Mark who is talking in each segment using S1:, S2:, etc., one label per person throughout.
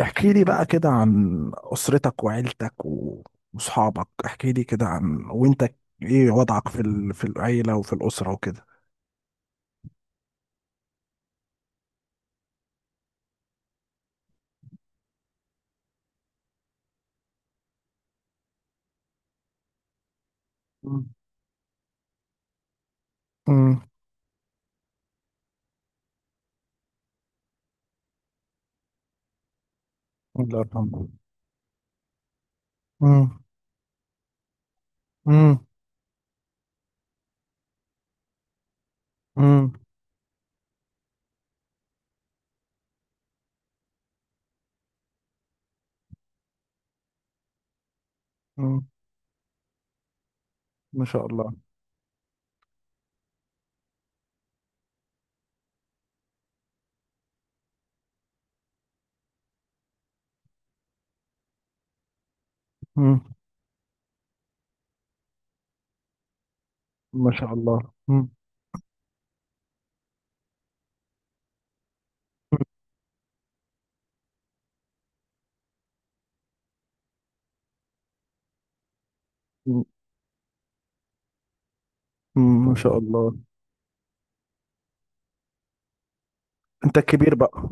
S1: احكي لي بقى كده عن أسرتك وعيلتك وصحابك. احكي لي كده عن وانت ايه وضعك في العيلة وفي الأسرة وكده. مم. مم. الله يرحمه. مم. مم. مم. مم. ما شاء الله. مم. ما شاء الله. مم. مم. ما شاء الله. انت الكبير بقى؟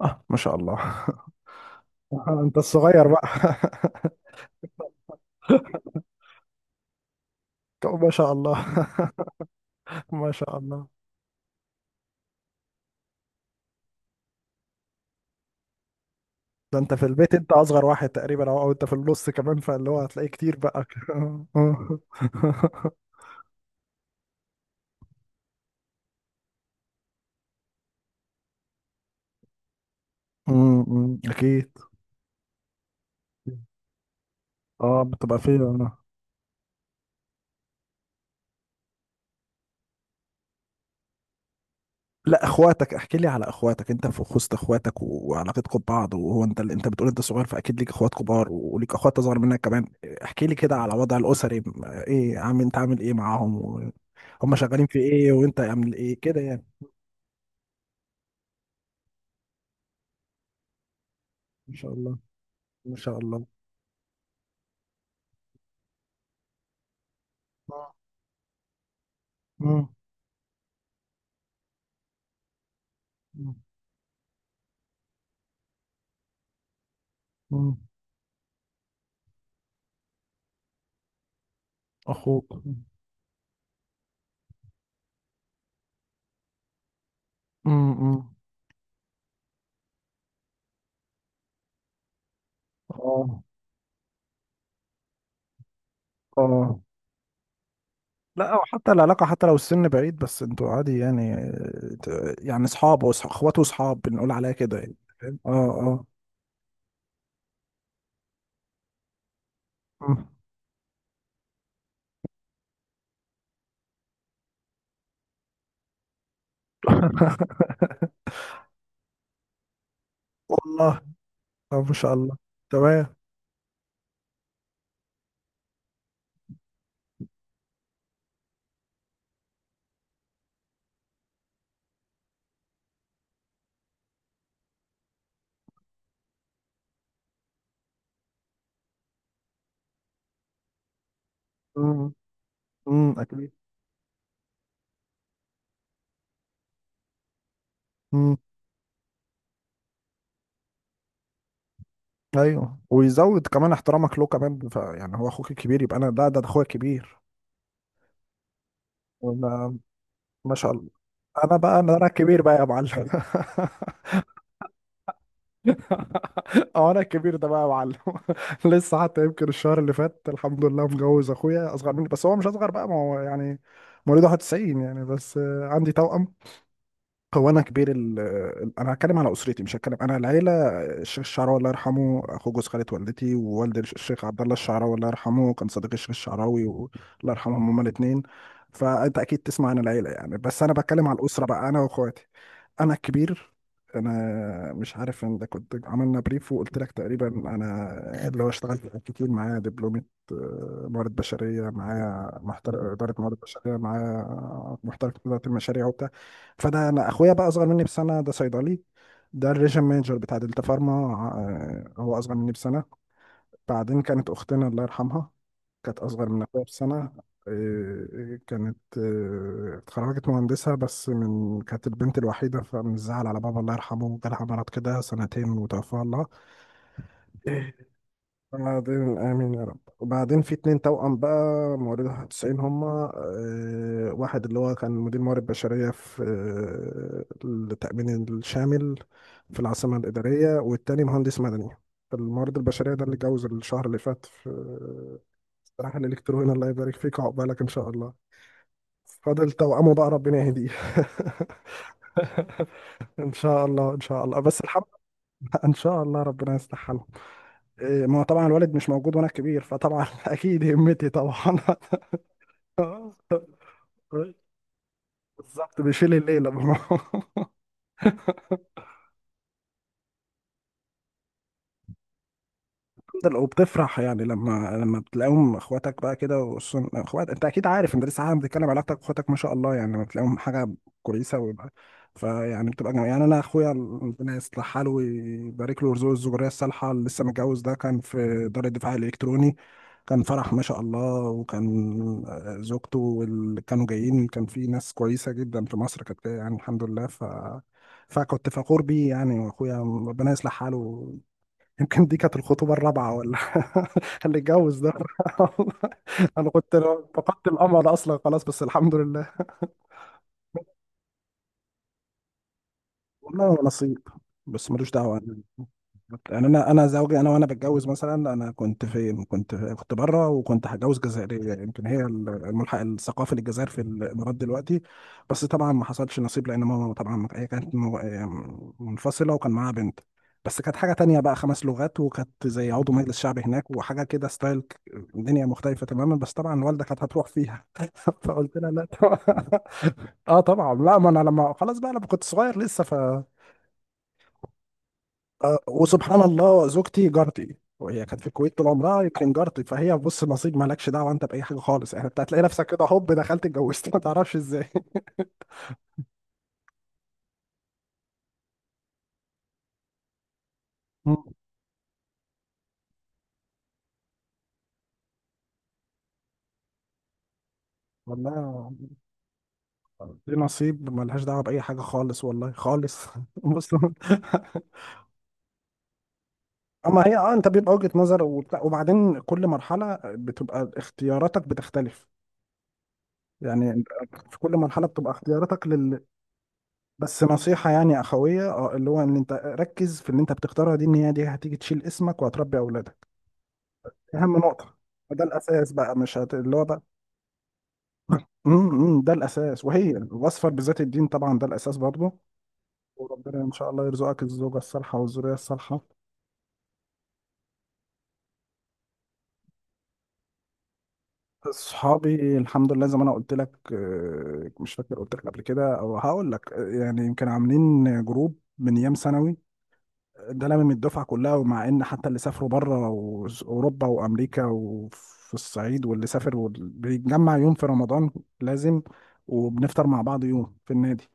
S1: اه ما شاء الله آه، انت الصغير بقى طب ما شاء الله ما شاء الله. ده انت في البيت انت اصغر واحد تقريبا او انت في النص كمان، فاللي هو هتلاقيه كتير بقى أمم، أمم، اكيد. اه بتبقى فيه. لا، اخواتك احكي لي على اخواتك، انت في خصت اخواتك وعلاقتكم ببعض. وهو انت بتقول انت صغير، فاكيد ليك اخوات كبار وليك اخوات اصغر منك كمان. احكي لي كده على وضع الاسري ايه عامل، انت عامل ايه معاهم و- هم شغالين في ايه وانت عامل ايه كده يعني. ما شاء الله. ما شاء الله. مم. مم. مم. اخوك. مم. مم. اه اه. لا، او حتى العلاقه حتى لو السن بعيد بس انتوا عادي يعني آه، يعني اصحاب وص- اخوات واصحاب بنقول عليها كده يعني. فاهم اه اه. مم. والله. طب ما شاء الله. تمام. مم. مم. اكيد. مم. ايوه، ويزود كمان احترامك له كمان، يعني هو اخوك الكبير، يبقى انا ده ده اخويا الكبير. وأنا- ما شاء الله. انا بقى انا الكبير بقى يا معلم اه انا الكبير ده بقى يا معلم. لسه حتى يمكن الشهر اللي فات الحمد لله مجوز اخويا اصغر مني، بس هو مش اصغر بقى ما هو يعني مواليد 91 يعني. بس آه، عندي توأم. هو انا كبير انا هتكلم على اسرتي مش هتكلم انا العيله. الشيخ الشعراوي الله يرحمه اخو جوز خاله والدتي، ووالد الشيخ عبد الله الشعراوي الله يرحمه كان صديق الشيخ الشعراوي و- الله يرحمهم هما الاثنين. فانت اكيد تسمع عن العيله يعني، بس انا بتكلم على الاسره بقى، انا واخواتي. انا الكبير. انا مش عارف ان ده كنت عملنا بريف وقلت لك تقريبا، انا اللي هو اشتغلت كتير، معايا دبلومه آه، موارد بشريه، معايا محترف اداره موارد بشريه، معايا محترف اداره المشاريع. فانا اخويا بقى اصغر مني بسنه ده صيدلي، ده الريجن مانجر بتاع دلتا فارما. آه، هو اصغر مني بسنه. بعدين كانت اختنا الله يرحمها كانت اصغر من اخويا بسنه. آه، كانت آه، اتخرجت مهندسه بس من كانت البنت الوحيده فمن الزعل على بابا الله يرحمه جالها مرض كده سنتين وتوفاها الله. بعدين آمين يا رب. وبعدين في اتنين توأم بقى، موارد 91 هما. آه، واحد اللي هو كان مدير موارد بشرية في آه، التأمين الشامل في العاصمة الإدارية، والتاني مهندس مدني. الموارد البشرية ده اللي اتجوز الشهر اللي فات في آه، الرحل الإلكتروني. الله يبارك فيك، عقبالك إن شاء الله. فاضل توأمه بقى، ربنا يهديه. إن شاء الله إن شاء الله. بس الحمد لله إن شاء الله ربنا يصلح حاله. إيه، ما هو طبعا الوالد مش موجود وانا كبير فطبعا اكيد همتي طبعا آه، بالظبط، بيشيل الليلة بقى. الحمد لله. وبتفرح يعني لما بتلاقيهم اخواتك بقى كده، وخصوصا اخوات انت اكيد عارف، انت لسه عارف بتتكلم علاقتك باخواتك ما شاء الله، يعني لما بتلاقيهم حاجه كويسه ويبقى فيعني بتبقى جميل. يعني انا اخويا ربنا يصلح حاله ويبارك له ويرزقه الذريه الصالحه، اللي لسه متجوز ده كان في دار الدفاع الالكتروني، كان فرح ما شاء الله. وكان آه، زوجته واللي كانوا جايين كان في ناس كويسه جدا في مصر كانت جاية يعني الحمد لله ف فكنت فخور بيه يعني. واخويا ربنا يصلح حاله، يمكن دي كانت الخطوبة الرابعة ولا اللي اتجوز ده. أنا كنت فقدت الأمل أصلا خلاص بس الحمد لله. والله هو نصيب، بس ملوش دعوة يعني. انا زوجي انا، وانا بتجوز مثلا، انا كنت في كنت بره وكنت هتجوز جزائريه، يمكن هي الملحق الثقافي للجزائر في الامارات دلوقتي. بس طبعا ما حصلش نصيب لان ماما طبعا هي كانت منفصله وكان معاها بنت. بس كانت حاجه تانية بقى، خمس لغات، وكانت زي عضو مجلس شعب هناك وحاجه كده ستايل دنيا مختلفه تماما. بس طبعا والدة كانت هتروح فيها فقلت لها لا طبعا. اه طبعا. لا ما انا لما خلاص بقى، لما كنت صغير لسه. آه، وسبحان الله زوجتي جارتي، وهي كانت في الكويت طول عمرها، يمكن جارتي. فهي بص نصيب مالكش دعوه انت باي حاجه خالص يعني. انت هتلاقي نفسك كده هوب دخلت اتجوزت ما تعرفش ازاي. مم. والله. دي نصيب ملهاش دعوه باي حاجه خالص والله خالص بص، اما هي اه انت بيبقى وجهه نظر وبتاع، وبعدين كل مرحله بتبقى اختياراتك بتختلف يعني. في كل مرحله بتبقى اختياراتك بس نصيحة يعني أخوية اه اللي هو إن أنت ركز في اللي أنت بتختارها دي، إن هي دي هتيجي تشيل اسمك وهتربي أولادك، أهم نقطة. ده الأساس بقى، مش هت... اللي هو بقى. إمم، ده الأساس، وهي وأصفر بذات الدين طبعا ده الأساس برضه. وربنا إن شاء الله يرزقك الزوجة الصالحة والذرية الصالحة. أصحابي الحمد لله زي ما أنا قلت لك آه، مش فاكر قلت لك قبل كده أو هقول لك آه، يعني يمكن عاملين جروب من أيام ثانوي، ده لامم الدفعه كلها. ومع ان حتى اللي سافروا بره اوروبا وامريكا وفي الصعيد واللي سافر، واللي بيتجمع يوم في رمضان لازم، وبنفطر مع بعض يوم في النادي.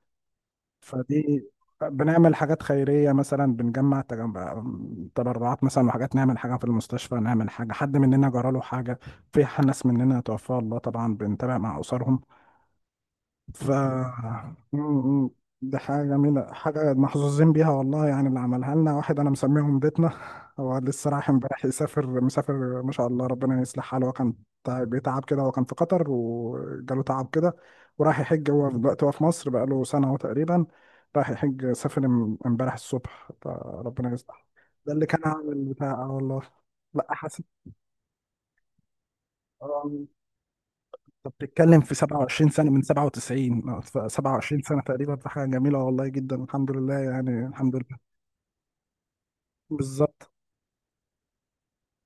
S1: فدي بنعمل حاجات خيريه مثلا، بنجمع تبرعات مثلا، وحاجات نعمل حاجه في المستشفى، نعمل حاجه حد مننا جرى له حاجه. في ناس مننا توفاها الله طبعا بنتابع مع اسرهم. ف م- م. دي حاجة جميلة، حاجة محظوظين بيها والله يعني. اللي عملها لنا واحد أنا مسميهم بيتنا، هو لسه رايح امبارح يسافر، مسافر ما شاء الله ربنا يصلح حاله. هو كان بيتعب كده، هو كان في قطر وجاله تعب كده وراح يحج. هو دلوقتي هو في مصر بقاله سنة أهو تقريبا، راح يحج سافر امبارح الصبح، فربنا يصلح. ده اللي كان عامل بتاع آه والله. لا حاسس. انت بتتكلم في 27 سنة، من 97 ف 27 سنة تقريبا، في حاجة جميلة والله جدا، الحمد لله يعني الحمد لله. بالظبط.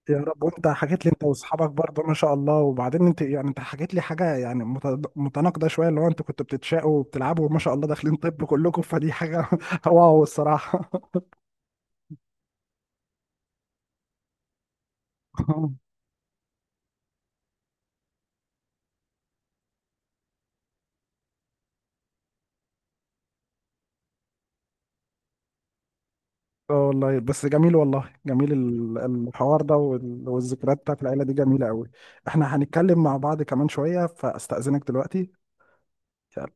S1: يا رب. وانت حكيت لي انت واصحابك برضه ما شاء الله. وبعدين انت يعني انت حكيت لي حاجة يعني متناقضة شوية اللي هو انتوا كنتوا بتتشاقوا وبتلعبوا وما شاء الله داخلين طب كلكم، فدي حاجة. واو الصراحة. اه والله بس جميل، والله جميل الحوار ده وال- والذكريات بتاعت العيلة دي جميلة قوي. احنا هنتكلم مع بعض كمان شوية فاستأذنك دلوقتي. يلا.